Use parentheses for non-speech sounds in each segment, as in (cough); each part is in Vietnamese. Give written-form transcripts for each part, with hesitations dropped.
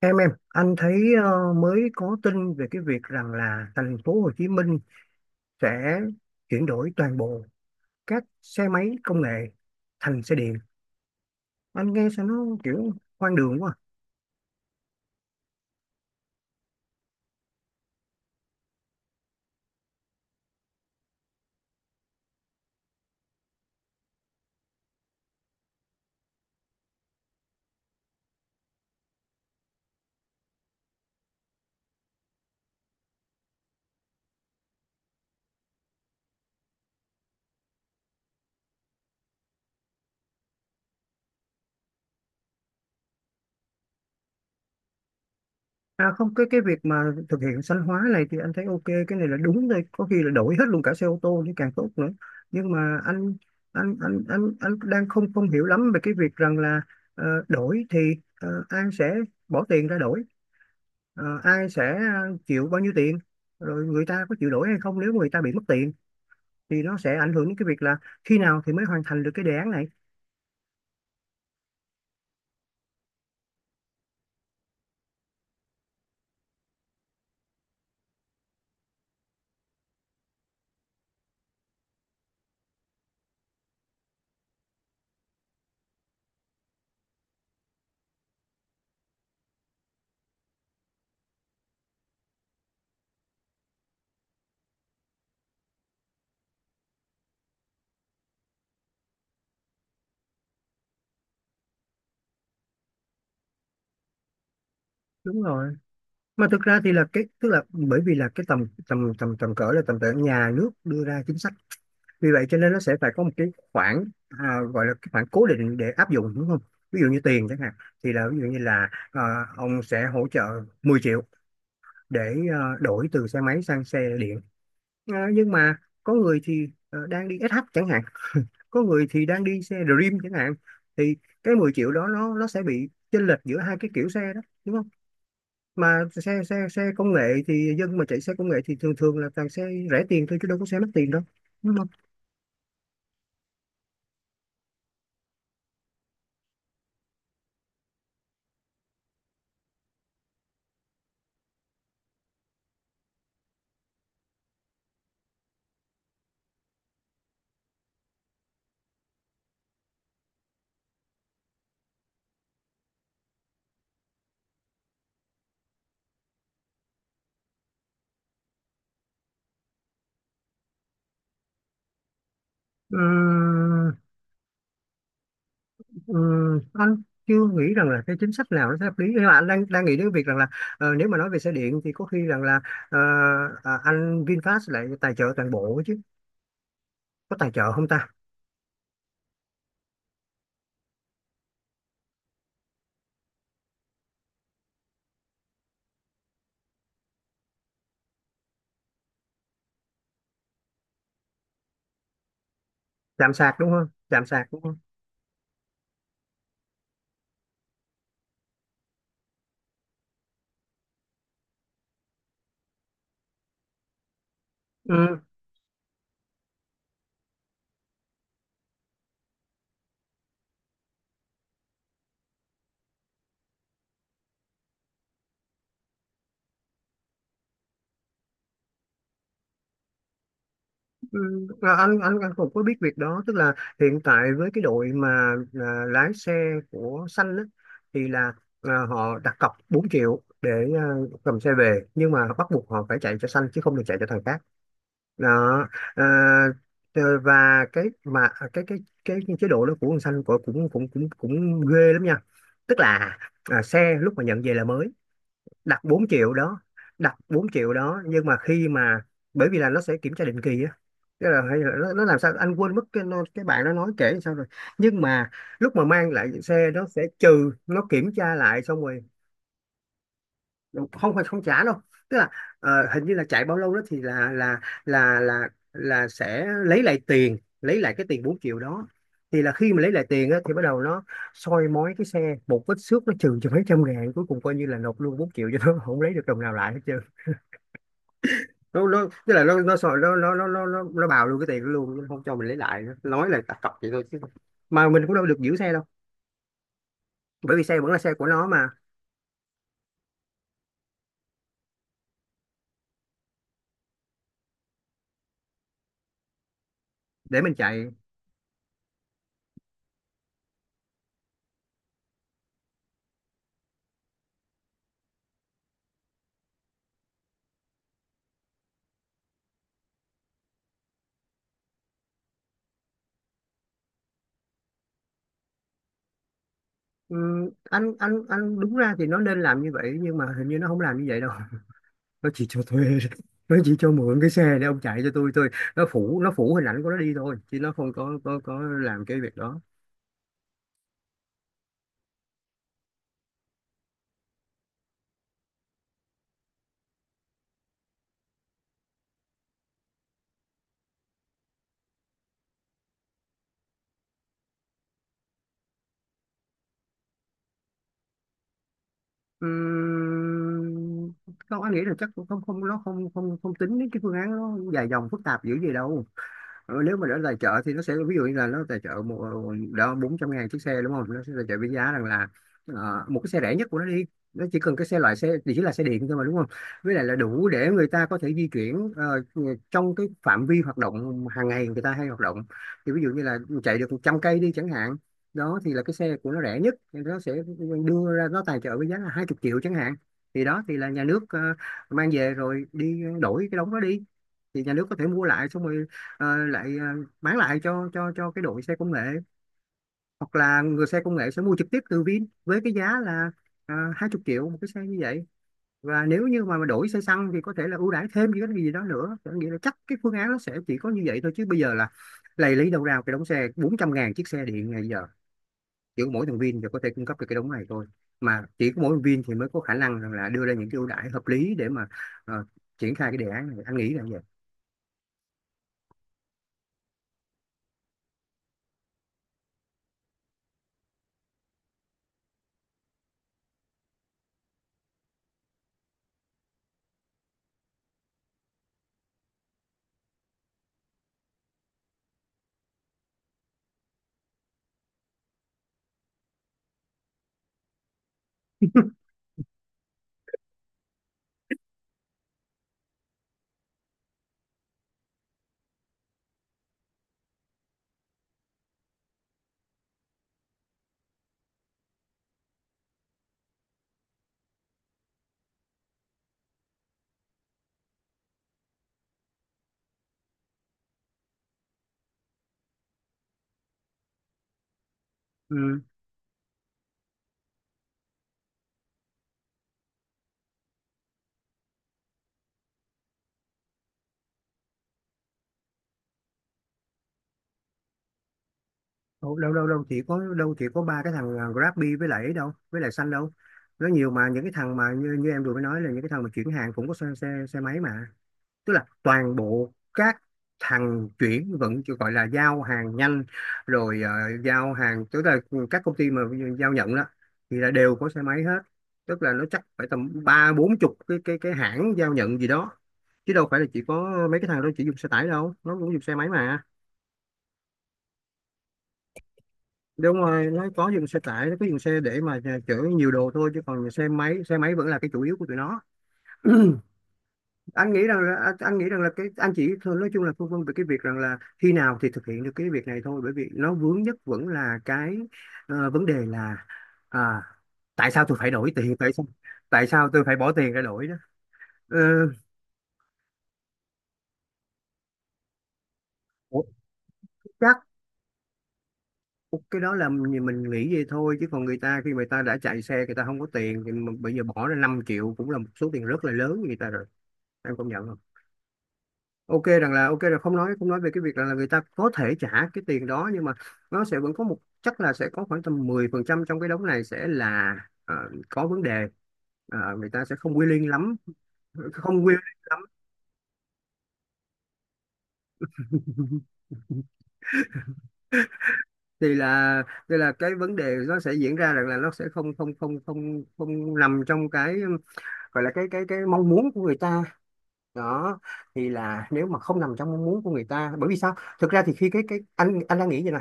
Em, anh thấy mới có tin về cái việc rằng là thành phố Hồ Chí Minh sẽ chuyển đổi toàn bộ các xe máy công nghệ thành xe điện. Anh nghe sao nó kiểu hoang đường quá. À không, cái việc mà thực hiện xanh hóa này thì anh thấy ok, cái này là đúng rồi, có khi là đổi hết luôn cả xe ô tô thì càng tốt nữa. Nhưng mà anh đang không không hiểu lắm về cái việc rằng là đổi thì ai sẽ bỏ tiền ra đổi. Ai sẽ chịu bao nhiêu tiền, rồi người ta có chịu đổi hay không, nếu người ta bị mất tiền thì nó sẽ ảnh hưởng đến cái việc là khi nào thì mới hoàn thành được cái đề án này. Đúng rồi, mà thực ra thì là cái, tức là bởi vì là cái tầm tầm tầm tầm cỡ là tầm cỡ nhà nước đưa ra chính sách, vì vậy cho nên nó sẽ phải có một cái khoản, à, gọi là cái khoản cố định để áp dụng đúng không? Ví dụ như tiền chẳng hạn, thì là ví dụ như là ông sẽ hỗ trợ 10 triệu để đổi từ xe máy sang xe điện. Nhưng mà có người thì đang đi SH chẳng hạn, có người thì đang đi xe Dream chẳng hạn, thì cái 10 triệu đó nó sẽ bị chênh lệch giữa hai cái kiểu xe đó đúng không? Mà xe xe xe công nghệ, thì dân mà chạy xe công nghệ thì thường thường là toàn xe rẻ tiền thôi chứ đâu có xe mắc tiền đâu, đúng không? Ừm, ừm, anh chưa nghĩ rằng là cái chính sách nào nó sẽ hợp lý, nhưng mà anh đang đang nghĩ đến cái việc rằng là nếu mà nói về xe điện thì có khi rằng là ờ, à, anh VinFast lại tài trợ toàn bộ chứ, có tài trợ không ta? Chạm sạc đúng không, chạm sạc đúng không? Ừ. Ừ, à, anh cũng có biết việc đó, tức là hiện tại với cái đội mà à, lái xe của xanh á, thì là à, họ đặt cọc 4 triệu để à, cầm xe về, nhưng mà bắt buộc họ phải chạy cho xanh chứ không được chạy cho thằng khác đó. À, ờ, và cái mà cái chế độ đó của con xanh cũng cũng cũng cũng cũng ghê lắm nha, tức là à, xe lúc mà nhận về là mới, đặt 4 triệu đó đặt 4 triệu đó nhưng mà khi mà bởi vì là nó sẽ kiểm tra định kỳ á. Tức là hay là nó làm sao anh quên mất cái cái bạn nó nói kể sao rồi, nhưng mà lúc mà mang lại xe nó sẽ trừ, nó kiểm tra lại xong rồi, không phải không trả đâu. Tức là ờ, hình như là chạy bao lâu đó thì là sẽ lấy lại tiền, lấy lại cái tiền 4 triệu đó, thì là khi mà lấy lại tiền á, thì bắt đầu nó soi mói cái xe, một vết xước nó trừ cho mấy trăm ngàn, cuối cùng coi như là nộp luôn 4 triệu cho nó, không lấy được đồng nào lại hết trơn. Nó tức là nó sợ nó bào luôn cái tiền đó luôn, nó không cho mình lấy lại nữa, nói là đặt cọc vậy thôi chứ, mà mình cũng đâu được giữ xe đâu, bởi vì xe vẫn là xe của nó mà, để mình chạy. Anh đúng ra thì nó nên làm như vậy, nhưng mà hình như nó không làm như vậy đâu (laughs) nó chỉ cho thuê, nó chỉ cho mượn cái xe để ông chạy cho tôi, nó phủ, nó phủ hình ảnh của nó đi thôi, chứ nó không có làm cái việc đó. Ừm, không, anh nghĩ là chắc cũng không không nó không không không tính đến cái phương án nó dài dòng phức tạp dữ gì đâu. Ờ, nếu mà để tài trợ thì nó sẽ ví dụ như là nó tài trợ một, đó, 400 ngàn chiếc xe đúng không, nó sẽ tài trợ với giá rằng là một cái xe rẻ nhất của nó đi. Nó chỉ cần cái xe, loại xe thì chỉ là xe điện thôi mà đúng không, với lại là đủ để người ta có thể di chuyển trong cái phạm vi hoạt động hàng ngày người ta hay hoạt động, thì ví dụ như là chạy được 100 cây đi chẳng hạn. Đó thì là cái xe của nó rẻ nhất thì nó sẽ đưa ra, nó tài trợ với giá là 20 triệu chẳng hạn, thì đó thì là nhà nước mang về rồi đi đổi cái đống đó đi, thì nhà nước có thể mua lại xong rồi lại bán lại cho cái đội xe công nghệ, hoặc là người xe công nghệ sẽ mua trực tiếp từ Vin với cái giá là 20 triệu một cái xe như vậy. Và nếu như mà đổi xe xăng thì có thể là ưu đãi thêm những cái gì đó nữa, có nghĩa là chắc cái phương án nó sẽ chỉ có như vậy thôi, chứ bây giờ là lầy, lấy đâu ra cái đống xe 400 ngàn chiếc xe điện ngày giờ? Chỉ có mỗi thằng Vin thì có thể cung cấp được cái đống này thôi, mà chỉ có mỗi thằng Vin thì mới có khả năng rằng là đưa ra những cái ưu đãi hợp lý để mà ờ, triển khai cái đề án này, anh nghĩ là như vậy. Ừ. đâu đâu đâu đâu chỉ có, đâu chỉ có ba cái thằng à, Grabby với lại ấy đâu, với lại xanh đâu, nó nhiều mà, những cái thằng mà như, như em vừa mới nói, là những cái thằng mà chuyển hàng cũng có xe, xe máy mà, tức là toàn bộ các thằng chuyển vận chỉ gọi là giao hàng nhanh, rồi ờ, giao hàng, tức là các công ty mà giao nhận đó, thì là đều có xe máy hết, tức là nó chắc phải tầm ba bốn chục cái cái hãng giao nhận gì đó, chứ đâu phải là chỉ có mấy cái thằng đó chỉ dùng xe tải đâu, nó cũng dùng xe máy mà. Đúng rồi, nó có dùng xe tải, nó có dùng xe để mà chở nhiều đồ thôi, chứ còn xe máy, xe máy vẫn là cái chủ yếu của tụi nó. (clears throat) Anh nghĩ rằng là anh nghĩ rằng là cái anh chỉ thôi, nói chung là phân vân về cái việc rằng là khi nào thì thực hiện được cái việc này thôi, bởi vì nó vướng nhất vẫn là cái ờ, vấn đề là à, tại sao tôi phải đổi tiền, tại sao, tại sao tôi phải bỏ tiền ra đổi đó? Ờ, ủa, chắc cái đó là mình nghĩ vậy thôi, chứ còn người ta, khi người ta đã chạy xe người ta không có tiền, thì mà bây giờ bỏ ra 5 triệu cũng là một số tiền rất là lớn với người ta, em công nhận không? Ok rằng là ok, là không nói về cái việc rằng là người ta có thể trả cái tiền đó, nhưng mà nó sẽ vẫn có một, chắc là sẽ có khoảng tầm 10% trong cái đống này sẽ là ờ, có vấn đề. Ờ, người ta sẽ không willing lắm, không willing lắm. (laughs) thì là thì là cái vấn đề nó sẽ diễn ra rằng là nó sẽ không không không không không nằm trong cái, gọi là cái cái mong muốn của người ta đó, thì là nếu mà không nằm trong mong muốn của người ta, bởi vì sao, thực ra thì khi cái anh đang nghĩ vậy nè,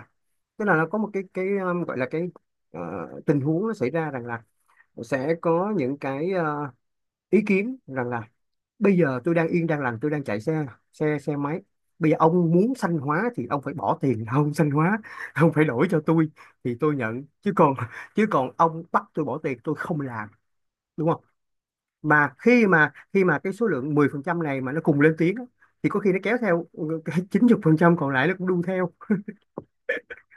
tức là nó có một cái gọi là cái ờ, tình huống nó xảy ra rằng là sẽ có những cái ý kiến rằng là bây giờ tôi đang yên đang lành, tôi đang chạy xe, xe máy, bây giờ ông muốn xanh hóa thì ông phải bỏ tiền ông xanh hóa, (laughs) ông phải đổi cho tôi thì tôi nhận, chứ còn, chứ còn ông bắt tôi bỏ tiền tôi không làm, đúng không? Mà khi mà, khi mà cái số lượng 10% này mà nó cùng lên tiếng á, thì có khi nó kéo theo ừ, cái trăm còn lại nó cũng đu theo,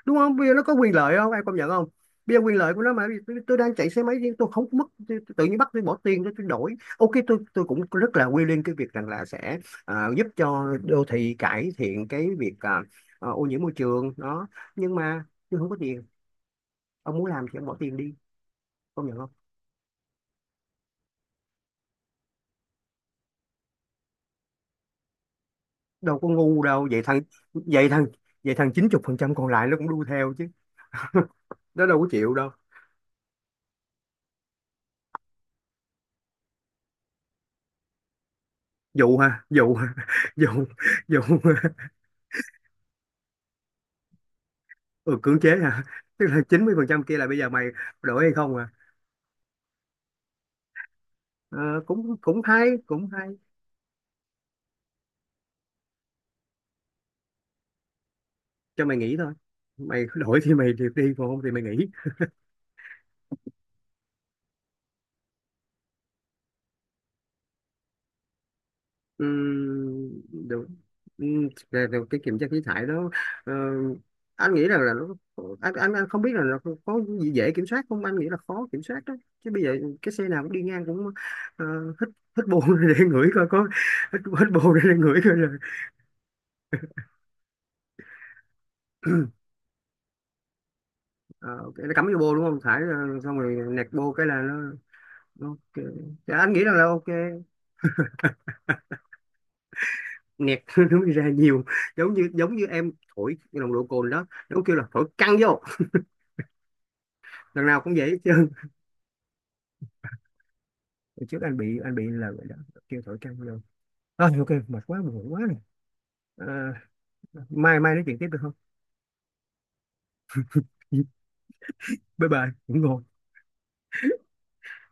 đúng không? Bây giờ nó có quyền lợi không, em công nhận không? Bây giờ quyền lợi của nó, mà tôi, đang chạy xe máy riêng tôi không mất, tôi, tự nhiên bắt tôi bỏ tiền, tôi, đổi, ok tôi, cũng rất là quy lên cái việc rằng là sẽ à, giúp cho đô thị cải thiện cái việc à, à, ô nhiễm môi trường đó, nhưng mà tôi không có tiền, ông muốn làm thì ông bỏ tiền đi, công nhận không? Đâu có ngu đâu vậy thằng, vậy thằng, vậy thằng 90% còn lại nó cũng đu theo chứ, (laughs) nó đâu có chịu đâu, dụ ha, dụ ha, (laughs) dụ, dụ, ừ, cưỡng chế hả, (laughs) tức là 90% kia là bây giờ mày đổi hay không à? Ờ, cũng cũng hay, cũng hay, cho mày nghỉ thôi, mày (laughs) cứ đổi thì mày được đi, còn không thì mày nghỉ. Ừm, được. Rồi- rồi cái kiểm tra khí thải đó, ờ, anh nghĩ rằng là nó, anh, anh không biết là nó có gì dễ kiểm soát không, anh nghĩ là khó kiểm soát đó, chứ bây giờ cái xe nào cũng đi ngang cũng ờ, hít, hít bô (laughs) để ngửi coi có, hít, hít bô (laughs) để ngửi coi là ờ, ok, nó cắm vô bô đúng không, thải ờ, xong rồi nẹt bô cái là nó. Ok. Dạ, anh nghĩ rằng là ok, nhạc (laughs) nó mới ra nhiều. Giống như, giống như em thổi cái nồng độ cồn đó nó kêu là thổi căng vô, lần nào cũng vậy hết trơn. Hồi trước anh bị là vậy đó, kêu thổi căng vô. Thôi ok, mệt quá buồn ngủ quá rồi, à, mai mai nói chuyện tiếp được không? Bye bye, ngủ ngon.